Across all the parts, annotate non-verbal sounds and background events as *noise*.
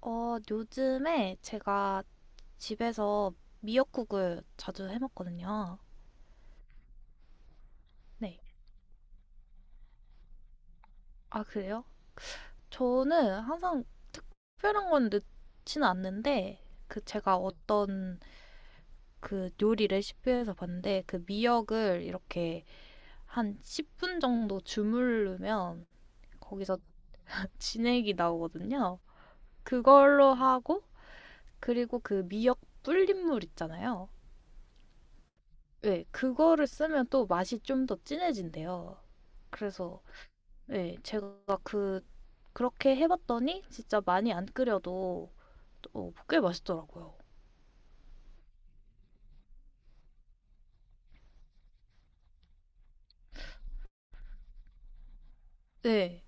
어, 요즘에 제가 집에서 미역국을 자주 해 먹거든요. 네. 아, 그래요? 저는 항상 특별한 건 넣지는 않는데, 그 제가 어떤 그 요리 레시피에서 봤는데, 그 미역을 이렇게 한 10분 정도 주물르면 거기서 *laughs* 진액이 나오거든요. 그걸로 하고, 그리고 그 미역 불린물 있잖아요. 네, 그거를 쓰면 또 맛이 좀 더 진해진대요. 그래서 네, 제가 그 그렇게 해봤더니 진짜 많이 안 끓여도 어, 꽤 맛있더라고요. 네,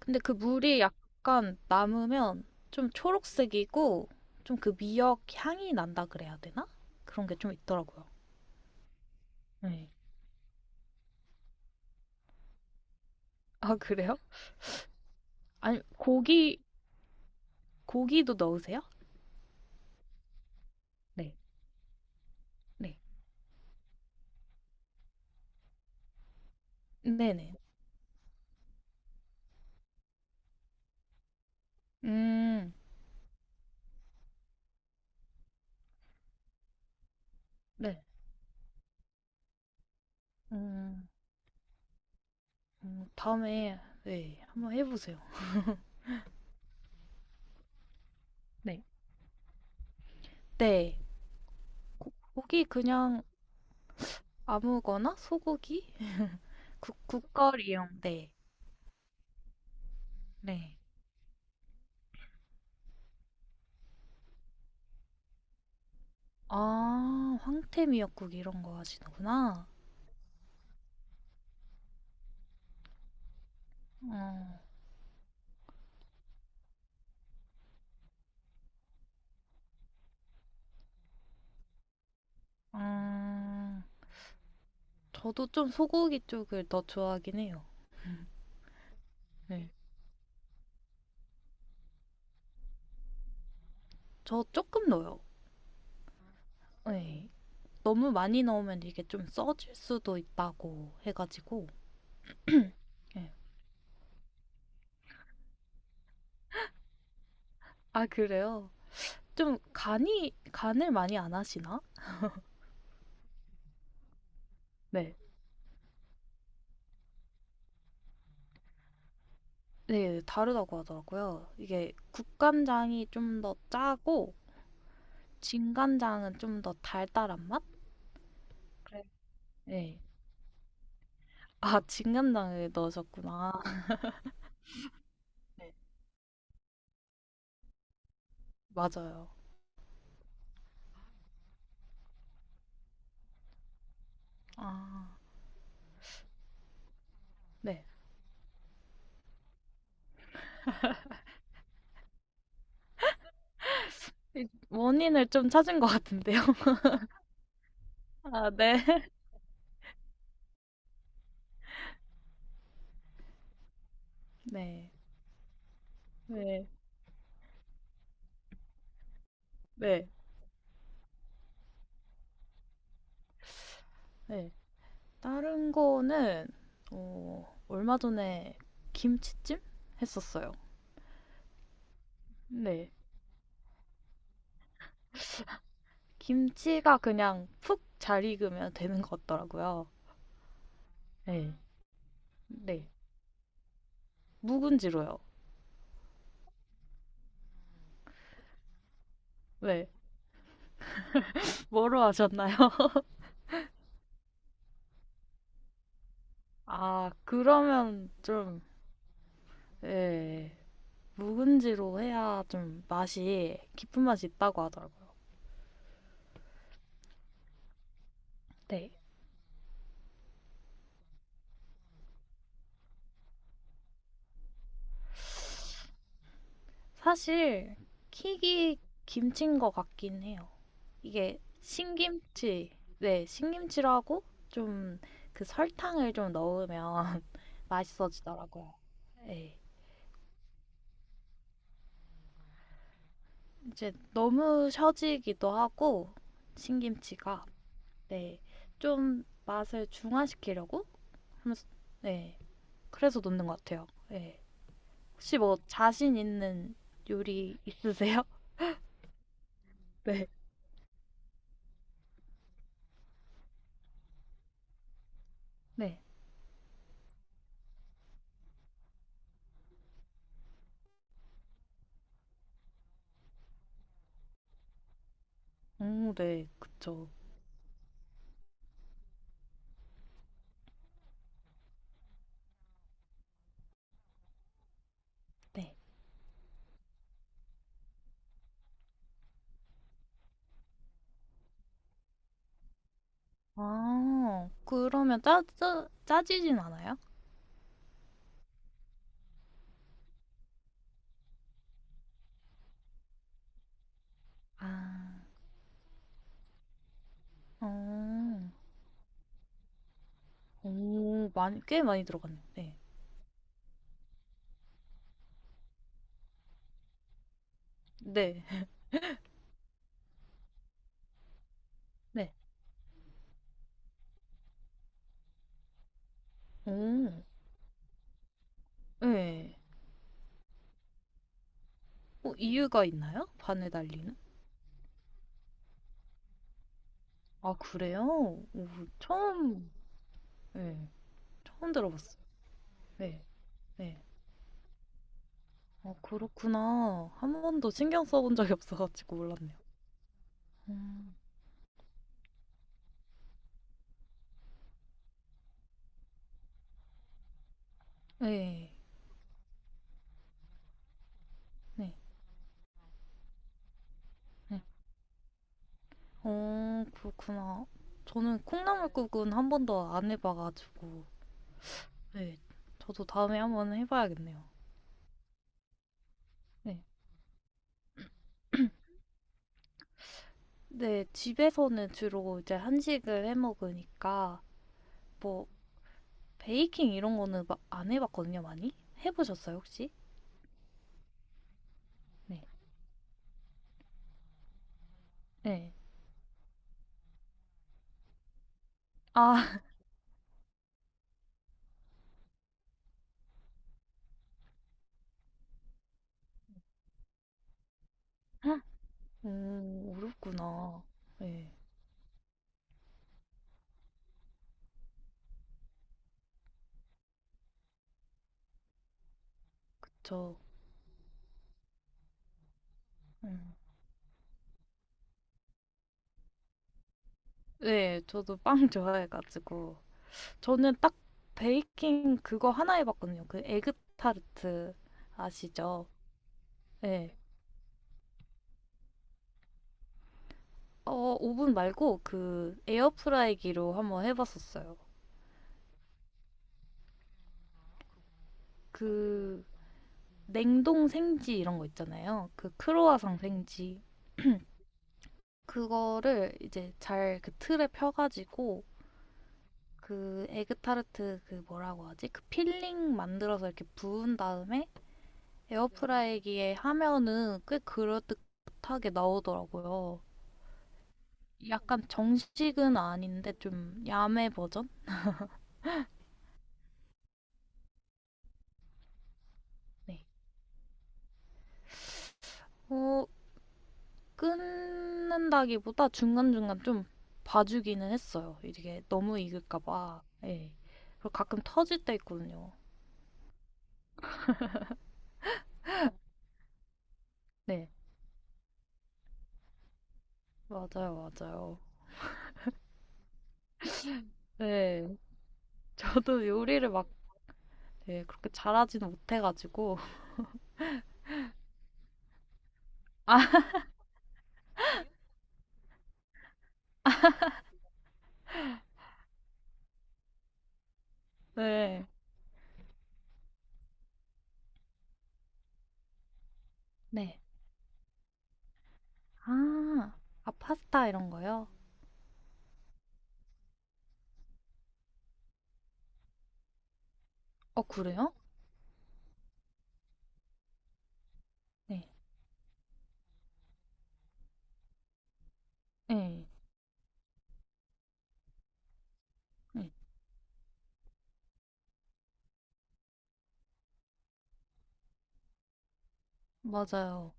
근데 그 물이 약간 남으면 좀 초록색이고 좀 그 미역 향이 난다 그래야 되나? 그런 게 좀 있더라고요. 네. 아, 그래요? 아니, 고기 고기도 넣으세요? 네, 네, 네네. 음, 네. 음, 다음에 네, 한번 해보세요. 네. 네. 고기 그냥 아무거나 소고기? 국, 국거리용. 네. 네. 아, 황태 미역국 이런 거 하시는구나. 어, 음, 저도 좀 소고기 쪽을 더 좋아하긴 해요. 네. 저 조금 넣어요. 네. 너무 많이 넣으면 이게 좀 써질 수도 있다고 해가지고. 네. 아, 그래요? 좀 간이, 간을 많이 안 하시나? 네. 네, 다르다고 하더라고요. 이게 국간장이 좀 더 짜고 진간장은 좀 더 달달한 맛? 그래. 네. 아, 진간장을 넣으셨구나. *laughs* 네, 맞아요. 아, 네. 이 원인을 좀 찾은 것 같은데요. *laughs* 아, 네. 네. 네. 네. 네. 다른 거는 얼마 전에 김치찜 했었어요. 네. 김치가 그냥 푹 잘 익으면 되는 것 같더라고요. 네. 네. 묵은지로요. 왜? 뭐로 하셨나요? *laughs* 아, 그러면 좀, 예, 묵은지로 해야 좀 맛이, 깊은 맛이 있다고 하더라고요. 네. 사실, 킥이 김치인 것 같긴 해요. 이게 신김치, 네, 신김치라고 좀 그 설탕을 좀 넣으면 *laughs* 맛있어지더라고요. 예. 이제 너무 셔지기도 하고, 신김치가. 네. 좀 맛을 중화시키려고 하면서 네. 그래서 넣는 것 같아요. 네. 혹시 뭐 자신 있는 요리 있으세요? *laughs* 네. 네. 오, 네. 그쵸. 네. 아, 그러면 짜, 짜, 짜지진 않아요? 아, 어. 오, 많이, 꽤 많이 들어갔네. 네. 네. 네. 오, 네. 어, 이유가 있나요? 반에 달리는? 아, 그래요? 오, 처음, 네. 처음 들어봤어요. 네. 네. 어, 그렇구나. 한 번도 신경 써본 적이 없어가지고 몰랐네요. 음, 네. 네. 네. 어, 그렇구나. 저는 콩나물국은 한 번도 안 해봐가지고, 네. 저도 다음에 한번 해봐야겠네요. 네. 네, 집에서는 주로 이제 한식을 해 먹으니까, 뭐, 베이킹 이런 거는 마- 안 해봤거든요, 많이? 해보셨어요, 혹시? 네. 네. 아, *laughs* 어렵구나. 네. 저, 음. 네, 저도 빵 *laughs* 좋아해가지고. 저는 딱 베이킹 그거 하나 해봤거든요. 그 에그타르트 아시죠? 네. 오븐 말고 그 에어프라이기로 한번 해봤었어요. 그 냉동 생지 이런 거 있잖아요. 그 크로와상 생지. 그거를 이제 잘 그 틀에 펴가지고 그 에그타르트 그 뭐라고 하지? 그 필링 만들어서 이렇게 부은 다음에 에어프라이기에 하면은 꽤 그럴듯하게 나오더라고요. 약간 정식은 아닌데 좀 야매 버전? 네. 어, 끊는다기보다 중간중간 좀 봐주기는 했어요. 이게 너무 익을까 봐. 네. 그리고 가끔 터질 때 있거든요. 네. 맞아요, 맞아요. 네. *laughs* 저도 요리를 막 네, 그렇게 잘하지는 못해가지고. *laughs* 아, 네. 네. 아, 아, 파스타 이런 거요? 어, 그래요? 네. 네. 네, 맞아요.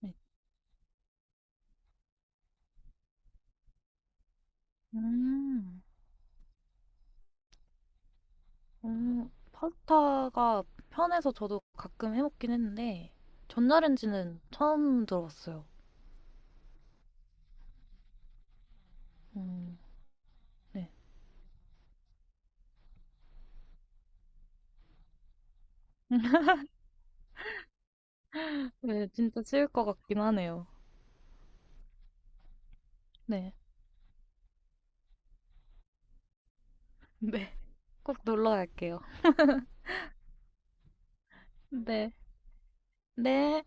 네. 음. 음. 파스타가 편해서 저도 가끔 해 먹긴 했는데 전자레인지는 처음 들어봤어요. 음. 네. *laughs* 네, 진짜 쉬울 것 같긴 하네요. 네. 네. 꼭 놀러 갈게요. 네. 네.